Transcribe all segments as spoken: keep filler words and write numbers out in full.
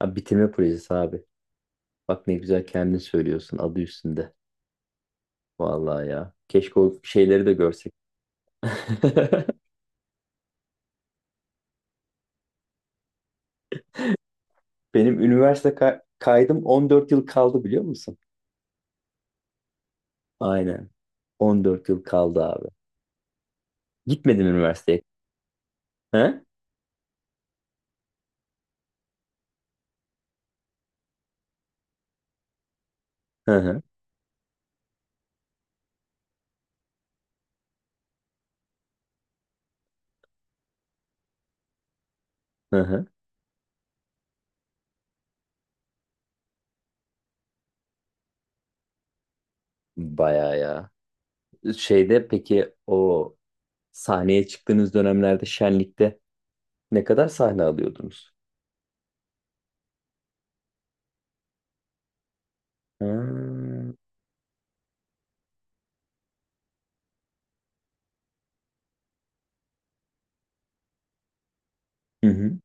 Abi, bitirme projesi abi. Bak, ne güzel kendin söylüyorsun, adı üstünde. Vallahi ya. Keşke o şeyleri de görsek. Benim üniversite ka- kaydım on dört yıl kaldı, biliyor musun? Aynen. on dört yıl kaldı abi. Gitmedim üniversiteye. He? Hı hı. Hı hı. Bayağı ya. Şeyde, peki o sahneye çıktığınız dönemlerde şenlikte ne kadar sahne alıyordunuz? Ha. Hı hı.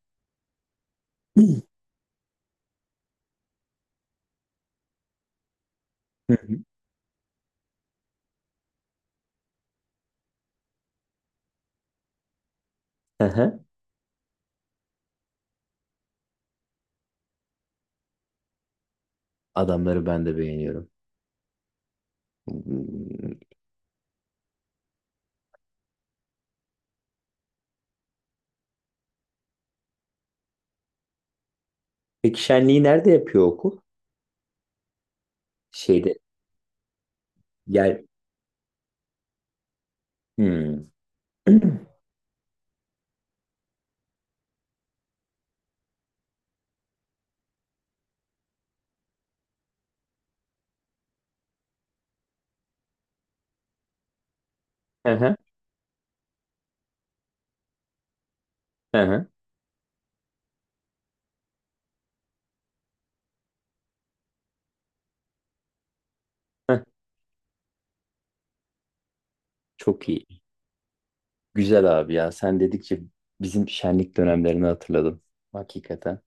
Hı hı. Hı hı. Adamları ben de beğeniyorum. Peki şenliği nerede yapıyor okul? Şeyde yer. Hmm. Hı hı, hı. Çok iyi. Güzel abi ya. Sen dedikçe bizim şenlik dönemlerini hatırladım. Hakikaten.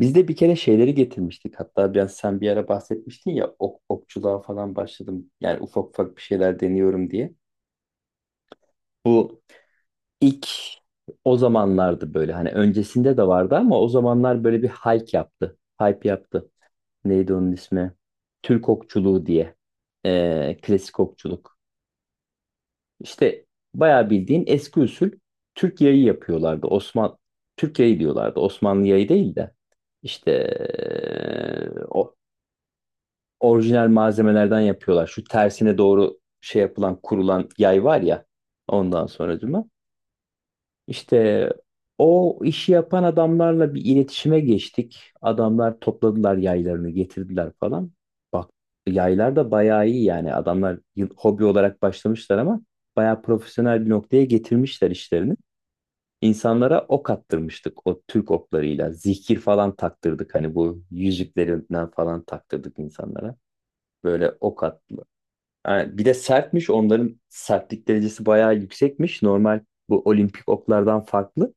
Biz de bir kere şeyleri getirmiştik. Hatta biraz sen bir ara bahsetmiştin ya, ok, okçuluğa falan başladım. Yani ufak ufak bir şeyler deniyorum diye. Bu ilk o zamanlardı böyle. Hani öncesinde de vardı ama o zamanlar böyle bir hype yaptı. Hype yaptı. Neydi onun ismi? Türk okçuluğu diye. Ee, klasik okçuluk. İşte bayağı bildiğin eski usul Türk yayı yapıyorlardı. Osman Türk yayı diyorlardı. Osmanlı yayı değil de işte ee, o orijinal malzemelerden yapıyorlar. Şu tersine doğru şey yapılan kurulan yay var ya, ondan sonra İşte o işi yapan adamlarla bir iletişime geçtik. Adamlar topladılar, yaylarını getirdiler falan. Bak, yaylar da bayağı iyi yani. Adamlar yıl- hobi olarak başlamışlar ama bayağı profesyonel bir noktaya getirmişler işlerini. İnsanlara ok attırmıştık o Türk oklarıyla. Zikir falan taktırdık, hani bu yüzüklerinden falan taktırdık insanlara. Böyle ok attılar. Yani bir de sertmiş, onların sertlik derecesi bayağı yüksekmiş. Normal bu olimpik oklardan farklı.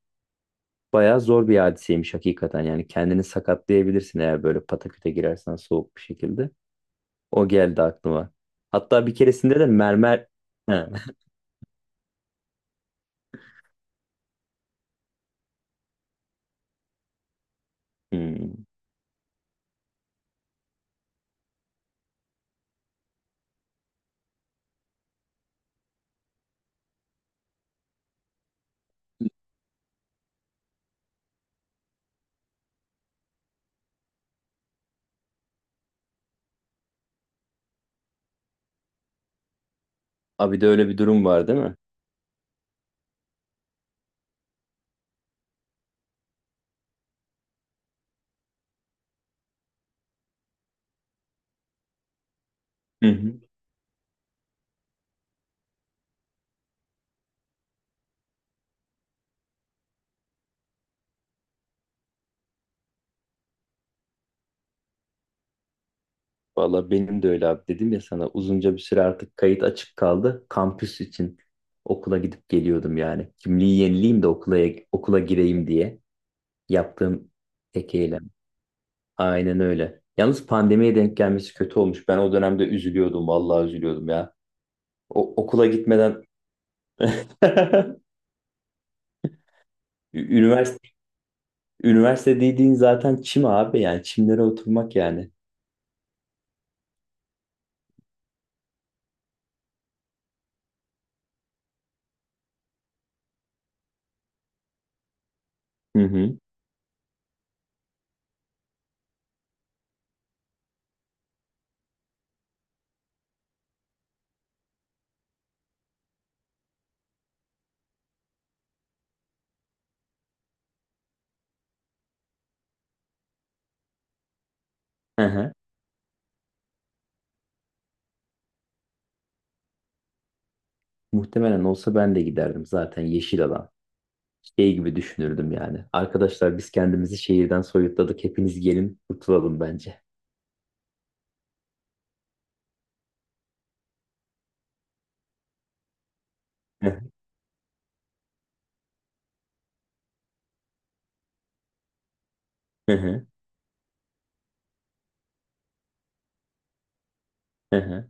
Bayağı zor bir hadiseymiş hakikaten. Yani kendini sakatlayabilirsin eğer böyle pataküte girersen soğuk bir şekilde. O geldi aklıma. Hatta bir keresinde de mermer... Ha. Hmm. Abi de öyle bir durum var değil mi? Hı hı. Valla benim de öyle abi, dedim ya sana, uzunca bir süre artık kayıt açık kaldı. Kampüs için okula gidip geliyordum yani. Kimliği yenileyim de okula, okula gireyim diye yaptığım tek eylem. Aynen öyle. Yalnız pandemiye denk gelmesi kötü olmuş. Ben o dönemde üzülüyordum. Vallahi üzülüyordum ya. O- okula gitmeden Ü- üniversite üniversite dediğin zaten çim abi, yani çimlere oturmak yani. Hı hı. Hı hı. Muhtemelen olsa ben de giderdim zaten, yeşil alan. Şey gibi düşünürdüm yani. Arkadaşlar, biz kendimizi şehirden soyutladık. Hepiniz gelin kurtulalım bence. Hı hı. Hı hı. Hı.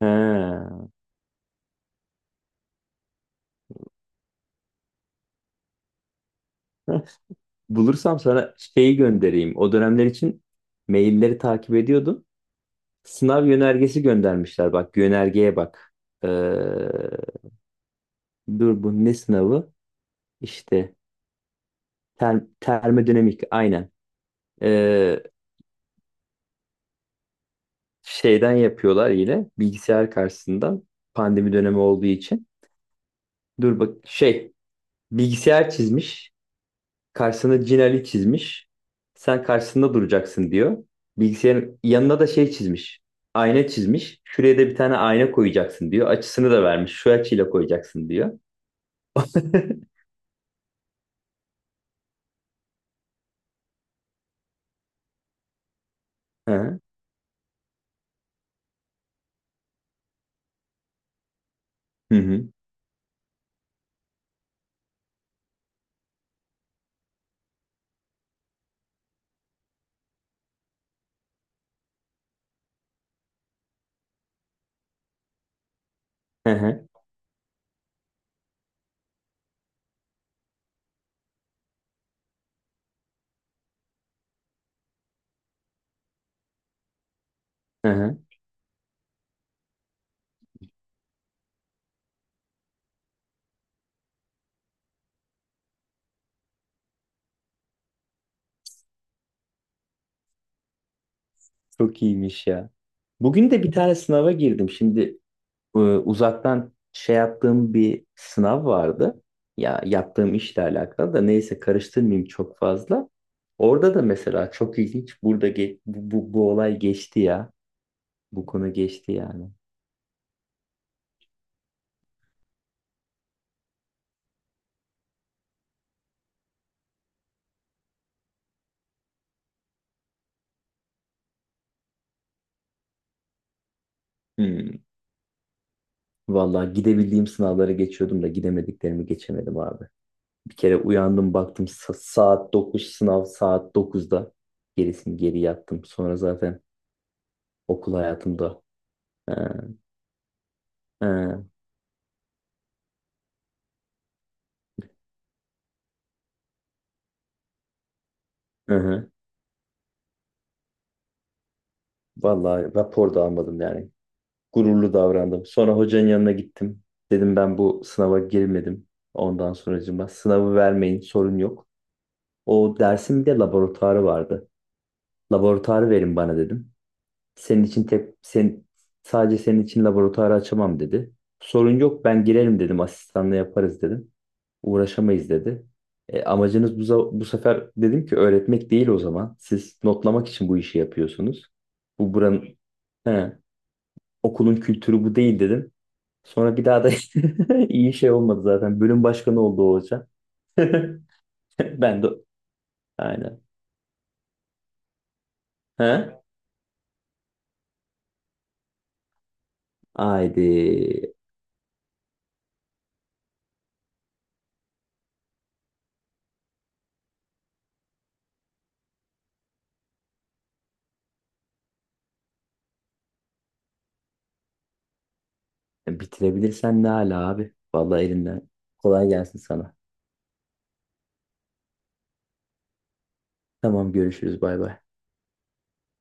Ha. Bulursam sana şeyi göndereyim. O dönemler için mailleri takip ediyordum. Sınav yönergesi göndermişler. Bak, yönergeye bak. Ee, dur, bu ne sınavı? İşte ter, termodinamik, aynen. Ee, şeyden yapıyorlar yine, bilgisayar karşısından, pandemi dönemi olduğu için. Dur bak, şey, bilgisayar çizmiş, karşısına Cin Ali çizmiş. Sen karşısında duracaksın diyor. Bilgisayarın yanına da şey çizmiş. Ayna çizmiş. Şuraya da bir tane ayna koyacaksın diyor. Açısını da vermiş. Şu açıyla koyacaksın diyor. Hı hı. Hı hı. Hı hı. Hı hı. Çok iyiymiş ya. Bugün de bir tane sınava girdim. Şimdi e, uzaktan şey yaptığım bir sınav vardı. Ya, yaptığım işle alakalı da, neyse, karıştırmayayım çok fazla. Orada da mesela çok ilginç, burada ge- bu, bu, bu olay geçti ya. Bu konu geçti yani. Hmm. Vallahi gidebildiğim sınavlara geçiyordum da gidemediklerimi geçemedim abi. Bir kere uyandım, baktım sa- saat dokuz, sınav saat dokuzda. Gerisini geri yattım. Sonra zaten okul hayatımda. Ee, ee, hı hı. Vallahi rapor da almadım yani. Gururlu davrandım. Sonra hocanın yanına gittim. Dedim ben bu sınava girmedim. Ondan sonracığıma sınavı vermeyin, sorun yok. O dersin bir de laboratuvarı vardı. Laboratuvarı verin bana, dedim. Senin için tek sen sadece senin için laboratuvarı açamam, dedi. Sorun yok, ben girerim dedim, asistanla yaparız dedim. Uğraşamayız, dedi. E, amacınız bu, za- bu sefer dedim ki, öğretmek değil o zaman. Siz notlamak için bu işi yapıyorsunuz. Bu buranın, he, okulun kültürü bu değil, dedim. Sonra bir daha da iyi şey olmadı zaten. Bölüm başkanı oldu o hoca. Ben de aynen. He? Haydi. Bitirebilirsen ne ala abi. Vallahi elinden. Kolay gelsin sana. Tamam, görüşürüz, bay bay.